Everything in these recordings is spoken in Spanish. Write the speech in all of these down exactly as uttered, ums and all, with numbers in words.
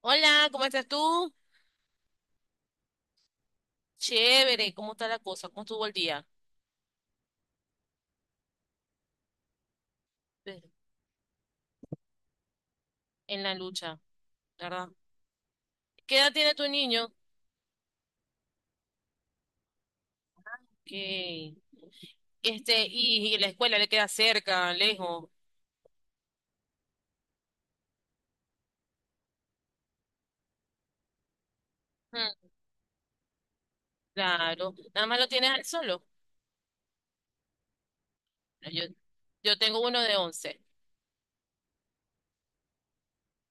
Hola, ¿cómo estás tú? Chévere, ¿cómo está la cosa? ¿Cómo estuvo el día? Pero, en la lucha, ¿verdad? ¿Qué edad tiene tu niño? Que, este, y, y la escuela le queda cerca, lejos. Mm, claro, nada más lo tienes al solo. No, Yo, yo tengo uno de once.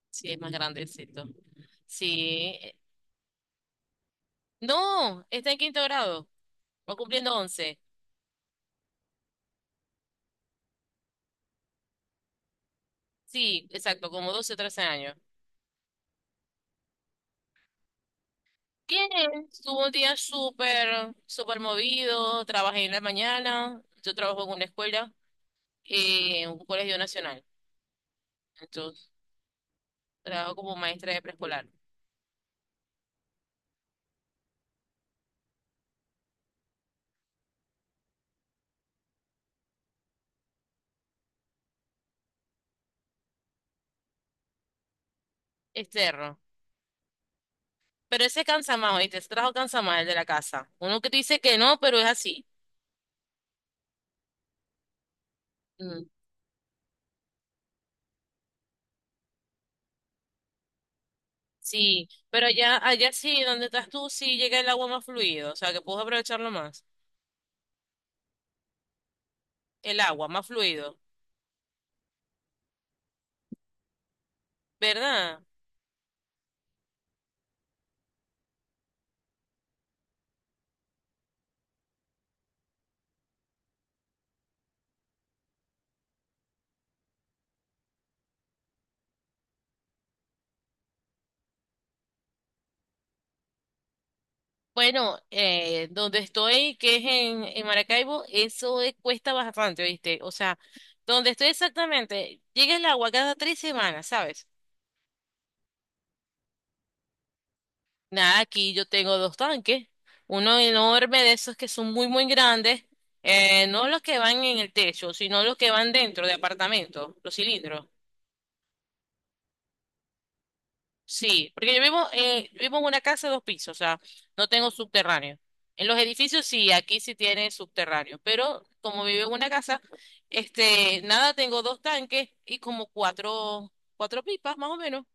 Sí, es más grandecito. Sí, eh, no, está en quinto grado, va cumpliendo once. Sí, exacto, como doce o trece años. Bien, tuvo un día súper, súper movido. Trabajé en la mañana. Yo trabajo en una escuela, eh, en un colegio nacional. Entonces, trabajo como maestra de preescolar. Externo. Pero ese cansa más, ¿oíste? Ese trabajo cansa más, el de la casa. Uno que te dice que no, pero es así. Mm, sí, pero allá, allá sí, donde estás tú, sí llega el agua más fluido. O sea, que puedes aprovecharlo más. El agua más fluido, ¿verdad? Bueno, eh, donde estoy, que es en, en Maracaibo, eso eh, cuesta bastante, ¿oíste? O sea, donde estoy exactamente, llega el agua cada tres semanas, ¿sabes? Nada, aquí yo tengo dos tanques, uno enorme de esos que son muy, muy grandes, eh, no los que van en el techo, sino los que van dentro de apartamento, los cilindros. Sí, porque yo vivo, eh, yo vivo en una casa de dos pisos, o sea, no tengo subterráneo. En los edificios sí, aquí sí tiene subterráneo, pero como vivo en una casa, este, nada, tengo dos tanques y como cuatro, cuatro pipas más o menos.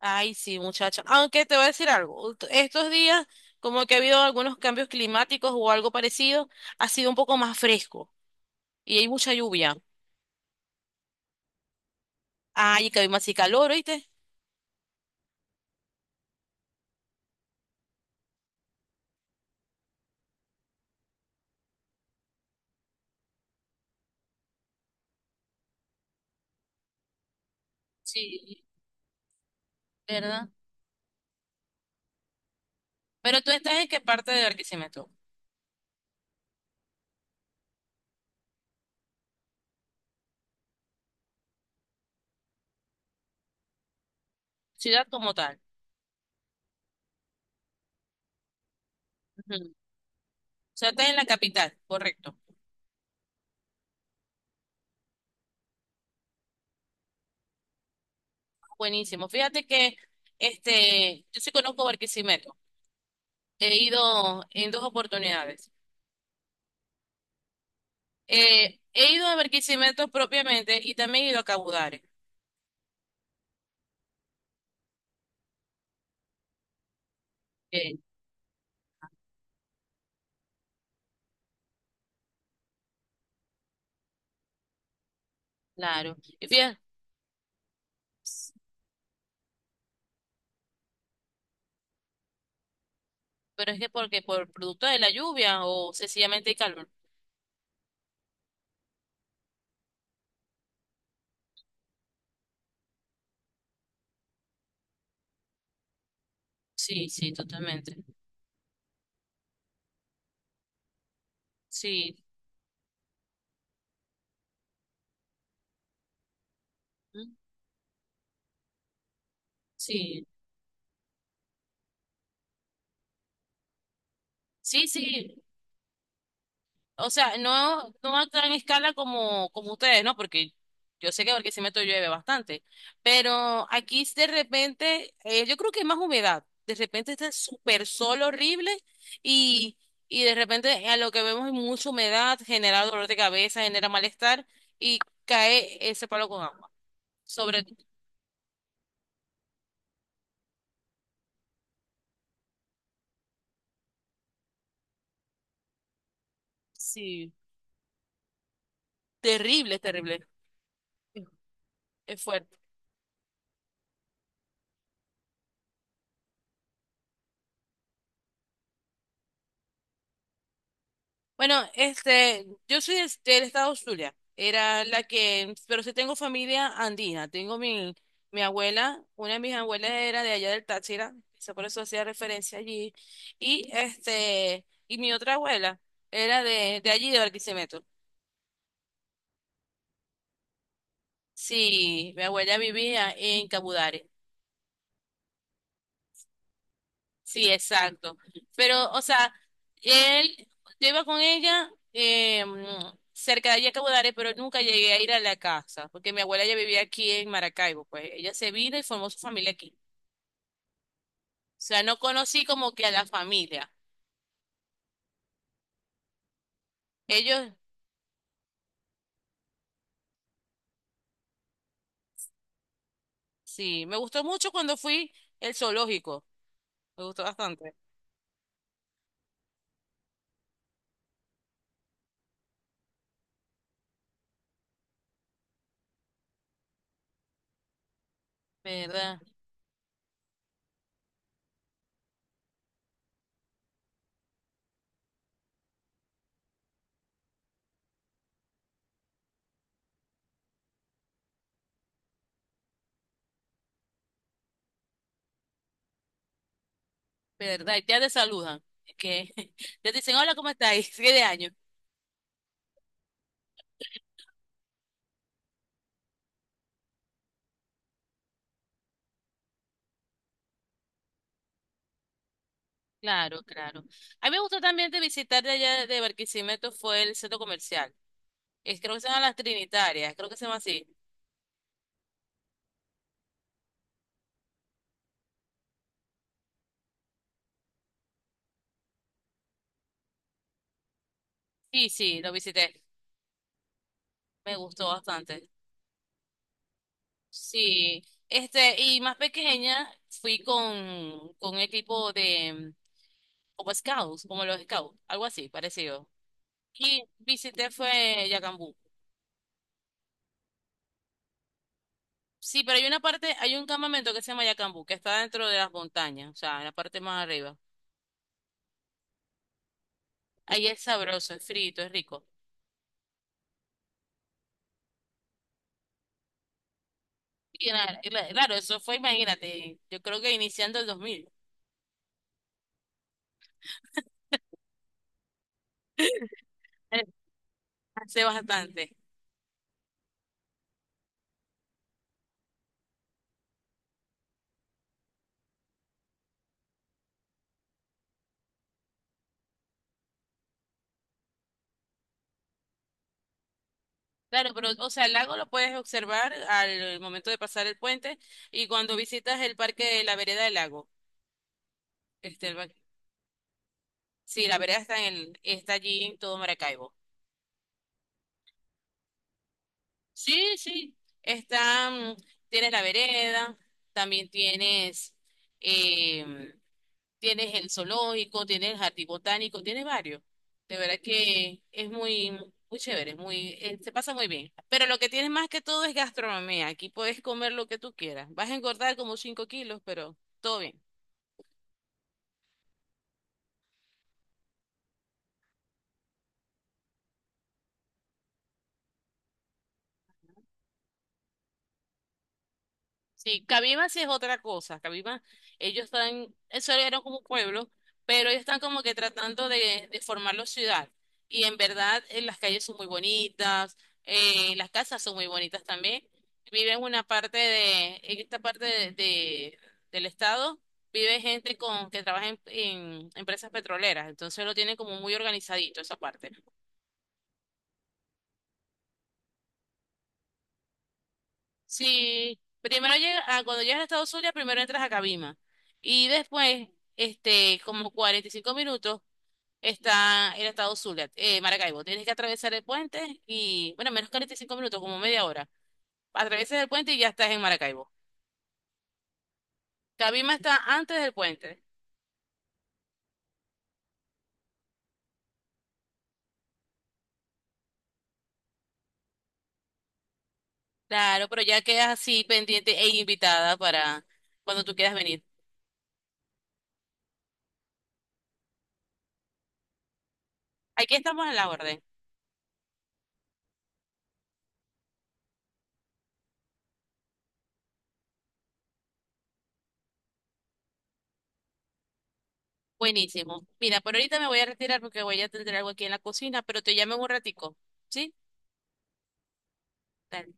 Ay, sí, muchacha. Aunque te voy a decir algo, ult- estos días como que ha habido algunos cambios climáticos o algo parecido, ha sido un poco más fresco y hay mucha lluvia. Ay, que hay más y calor, ¿oíste? Sí, ¿verdad? Pero ¿tú estás en qué parte de Barquisimeto? Ciudad como tal. Ujú. O sea, está en la capital, correcto. Buenísimo. Fíjate que este, yo sí conozco Barquisimeto. He ido en dos oportunidades. Eh, he ido a Barquisimeto propiamente y también he ido a Cabudare. Eh, claro. Y fíjate, pero es que porque por producto de la lluvia o sencillamente el calor. Sí, sí, totalmente. Sí, ¿mm? Sí, sí, sí. O sea, no, no a gran escala como, como ustedes, ¿no? Porque yo sé que Barquisimeto llueve bastante, pero aquí de repente, eh, yo creo que es más humedad. De repente está súper sol horrible y, y de repente a lo que vemos es mucha humedad, genera dolor de cabeza, genera malestar y cae ese palo con agua. Sobre, sí, terrible, es terrible, es fuerte. Bueno, este, yo soy del, del estado Zulia, era la que, pero sí tengo familia andina, tengo mi, mi abuela, una de mis abuelas era de allá del Táchira, quizá por eso hacía referencia allí, y este, y mi otra abuela era de, de allí, de Barquisimeto. Sí, mi abuela vivía en Cabudare. Sí, exacto. Pero, o sea, él, yo iba con ella eh, mm, cerca de allí a Cabo Dares, pero nunca llegué a ir a la casa, porque mi abuela ya vivía aquí en Maracaibo, pues ella se vino y formó su familia aquí. O sea, no conocí como que a la familia. Ellos, sí, me gustó mucho cuando fui el zoológico, me gustó bastante, ¿verdad? ¿Verdad? Y ya te saludan, que ya te dicen, hola, ¿cómo estáis? ¿Qué de año? Claro, claro. A mí me gustó también de visitar de allá de Barquisimeto fue el centro comercial. Es, creo que se llama Las Trinitarias, creo que se llama así. Sí, sí, lo visité. Me gustó bastante. Sí. Este, y más pequeña fui con, con un equipo de como scouts, como los scouts, algo así, parecido. Y visité fue Yacambú. Sí, pero hay una parte, hay un campamento que se llama Yacambú, que está dentro de las montañas, o sea, en la parte más arriba. Ahí es sabroso, es frito, es rico. Sí, claro, cla- claro, eso fue, imagínate, yo creo que iniciando el dos mil. Eh, hace bastante. Claro, pero, o sea, el lago lo puedes observar al momento de pasar el puente y cuando visitas el parque de la vereda del lago. Este, el parque- sí, la vereda está en el, está allí en todo Maracaibo. Sí, sí, está, mm, tienes la vereda, también tienes em, tienes el zoológico, tienes el jardín botánico, tienes varios. De verdad que es muy, muy chévere, es muy, eh, se pasa muy bien. Pero lo que tienes más que todo es gastronomía. Aquí puedes comer lo que tú quieras. Vas a engordar como cinco kilos, pero todo bien. Sí, Cabima sí es otra cosa. Cabima, ellos están, eso era como pueblo, pero ellos están como que tratando de, de formar formarlo ciudad. Y en verdad, eh, las calles son muy bonitas, eh, las casas son muy bonitas también. Viven una parte de, en esta parte de, de- del estado, vive gente con que trabaja en, en empresas petroleras, entonces lo tienen como muy organizadito esa parte. Sí, primero llega, ah, cuando llegas a Estados Unidos, primero entras a Cabima. Y después, este, como cuarenta y cinco minutos, está en Estados Zulia, eh, Maracaibo. Tienes que atravesar el puente y, bueno, menos cuarenta y cinco minutos, como media hora. Atravesas el puente y ya estás en Maracaibo. Cabima está antes del puente. Claro, pero ya quedas así pendiente e invitada para cuando tú quieras venir. Aquí estamos en la orden. Buenísimo. Mira, por ahorita me voy a retirar porque voy a tener algo aquí en la cocina, pero te llamo en un ratico. ¿Sí? Dale.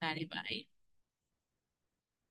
Dale, bye.